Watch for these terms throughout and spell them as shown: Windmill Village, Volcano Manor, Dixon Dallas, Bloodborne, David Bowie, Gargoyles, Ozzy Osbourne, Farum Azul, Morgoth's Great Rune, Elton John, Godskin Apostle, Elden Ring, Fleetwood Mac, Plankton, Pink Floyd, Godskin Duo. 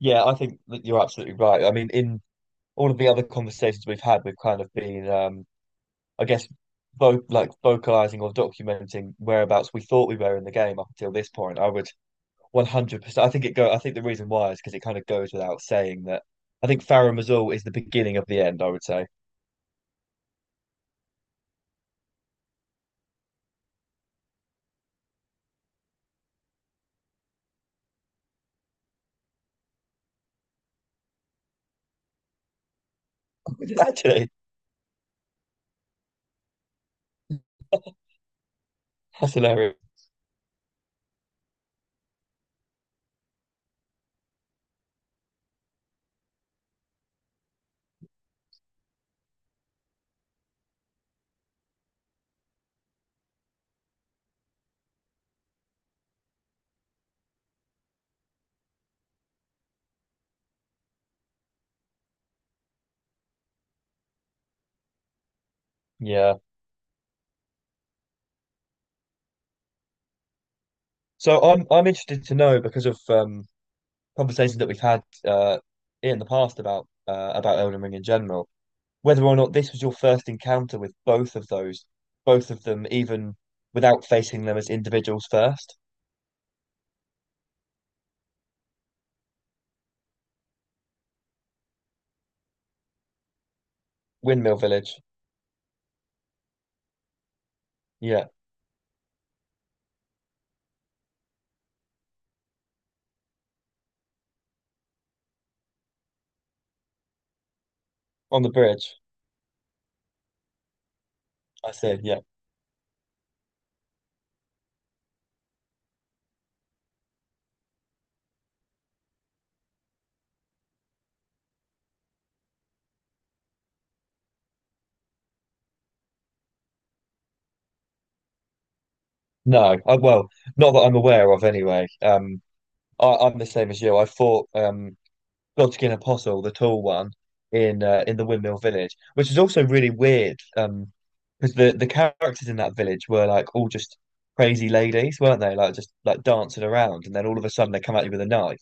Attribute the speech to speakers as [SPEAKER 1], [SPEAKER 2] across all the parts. [SPEAKER 1] Yeah, I think that you're absolutely right. I mean, in all of the other conversations we've had, we've kind of been, I guess, vo like vocalizing or documenting whereabouts we thought we were in the game up until this point. I would 100%. I think it go. I think the reason why is because it kind of goes without saying that I think Farum Azul is the beginning of the end. I would say actually that's hilarious. Yeah. So I'm interested to know because of conversations that we've had in the past about Elden Ring in general, whether or not this was your first encounter with both of those, both of them, even without facing them as individuals first. Windmill Village, yeah, on the bridge. I see, yeah. No, I, well, not that I'm aware of anyway. I, I'm the same as you. I fought Godskin Apostle, the tall one, in the Windmill Village, which is also really weird because the characters in that village were like all just crazy ladies, weren't they? Like just like dancing around, and then all of a sudden they come at you with a knife.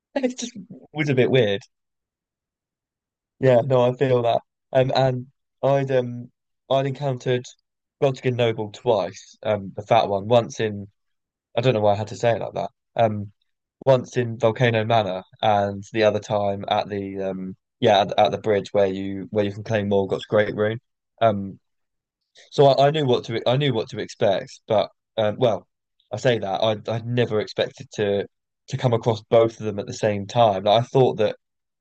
[SPEAKER 1] It just was a bit weird. Yeah, no, I feel that. And I'd um I'd encountered Rodkin Noble twice. The fat one once in I don't know why I had to say it like that. Um, once in Volcano Manor, and the other time at the at the bridge where you can claim Morgoth's Great Rune. Um, so I, I knew what to expect, but well, I say that I'd never expected to come across both of them at the same time. Like, I thought that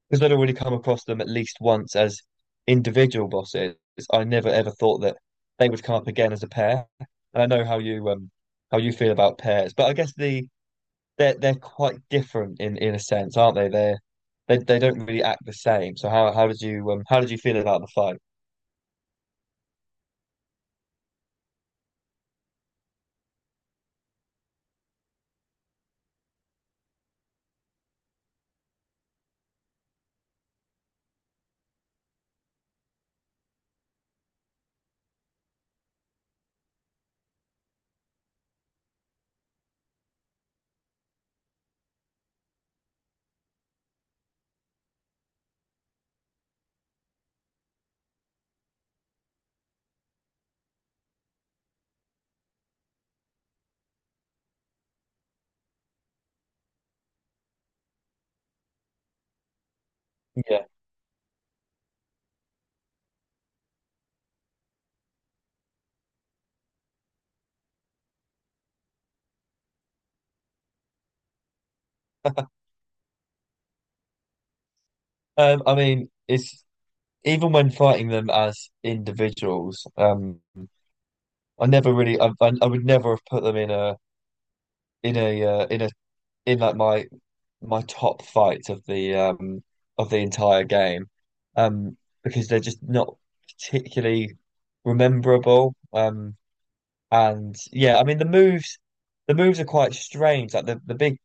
[SPEAKER 1] because I'd already come across them at least once as individual bosses, I never ever thought that they would come up again as a pair. And I know how you feel about pairs, but I guess they're quite different in a sense, aren't they? They're they don't really act the same. So how did you feel about the fight? Yeah. I mean, it's even when fighting them as individuals, I never really, I would never have put them in a, in like my top fights of the entire game, um because they're just not particularly rememberable, and yeah, I mean the moves, the moves are quite strange, like the big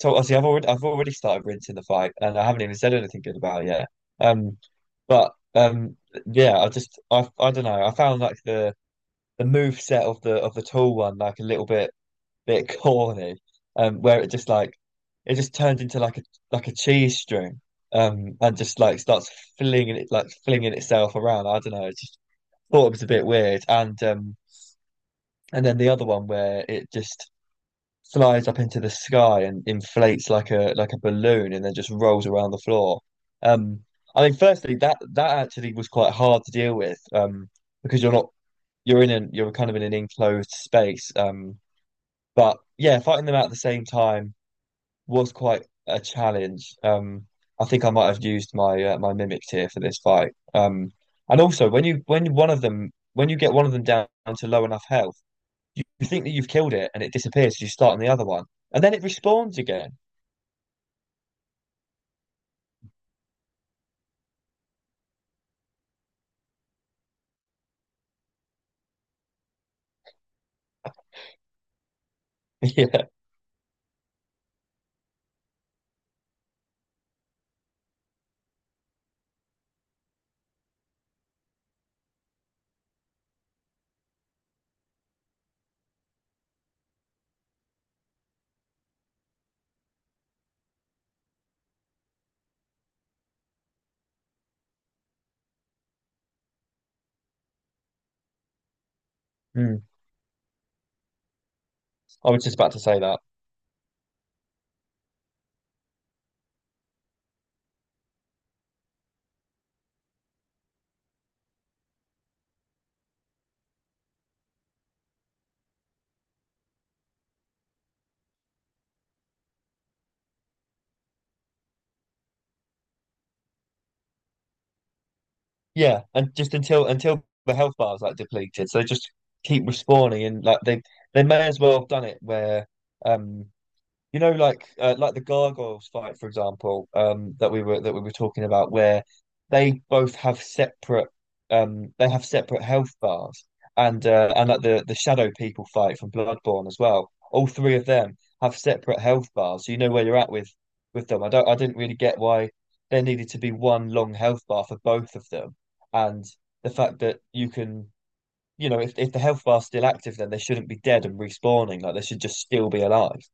[SPEAKER 1] so obviously I've already started rinsing the fight, and I haven't even said anything good about it yet. Um but Yeah, I just, I don't know, I found like the move set of the tall one like a little bit corny, where it just like it just turns into like a cheese string, and just like starts flinging it, like flinging itself around. I don't know. I just thought it was a bit weird, and then the other one where it just flies up into the sky and inflates like a balloon, and then just rolls around the floor. Um, I mean, firstly, that that actually was quite hard to deal with, because you're not, you're in an, you're kind of in an enclosed space. But yeah, fighting them out at the same time was quite a challenge. I think I might have used my my mimic tier for this fight. And also when you, when you get one of them down to low enough health, you think that you've killed it and it disappears. So you start on the other one, and then it respawns again. Yeah. Mm. I was just about to say that. Yeah, and just until the health bar is like depleted, so they just keep respawning, and like they may as well have done it where, um, you know, like the Gargoyles fight, for example, that we were talking about, where they both have separate, they have separate health bars, and like the Shadow People fight from Bloodborne as well. All three of them have separate health bars, so you know where you're at with them. I don't, I didn't really get why there needed to be one long health bar for both of them, and the fact that you can, you know, if the health bar's still active, then they shouldn't be dead and respawning. Like they should just still be alive.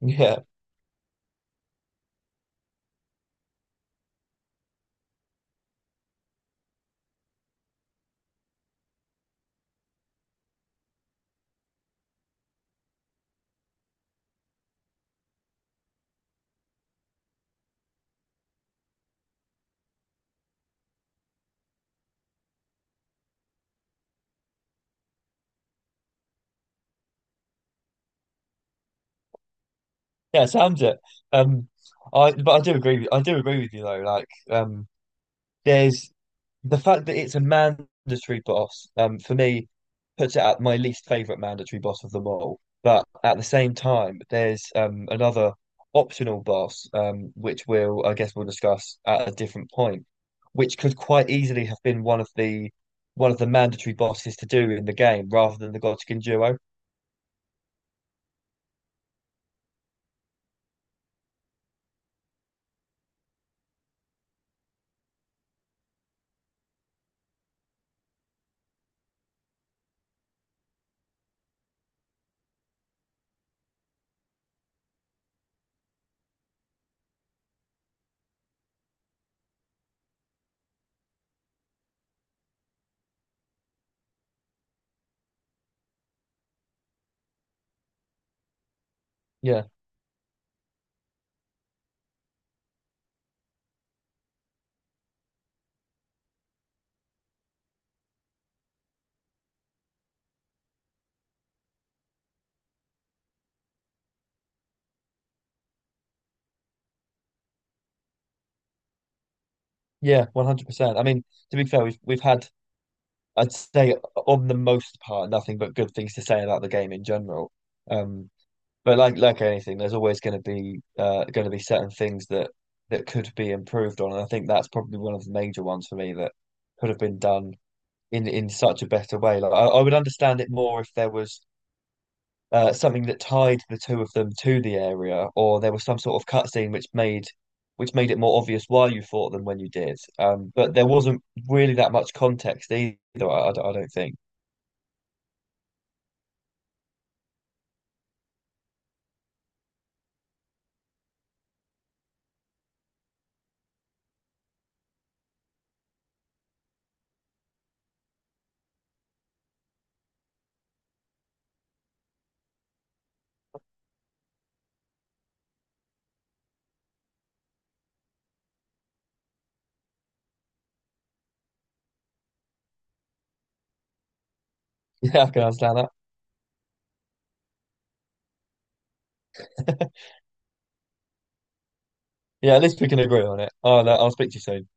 [SPEAKER 1] Yeah. Yeah, it sounds it. Um, I, but I do agree with I do agree with you though. Like, there's the fact that it's a mandatory boss. For me, puts it at my least favorite mandatory boss of them all. But at the same time, there's another optional boss, which we'll I guess we'll discuss at a different point, which could quite easily have been one of the mandatory bosses to do in the game rather than the Godskin duo. Yeah, yeah, 100%. I mean, to be fair, we've had, I'd say, on the most part, nothing but good things to say about the game in general. Um, but like anything, there's always going to be certain things that that could be improved on, and I think that's probably one of the major ones for me that could have been done in such a better way. Like I would understand it more if there was something that tied the two of them to the area, or there was some sort of cutscene which made it more obvious why you fought them when you did. But there wasn't really that much context either. I don't think. Yeah, I can understand that. Yeah, at least we can agree on it. I'll speak to you soon.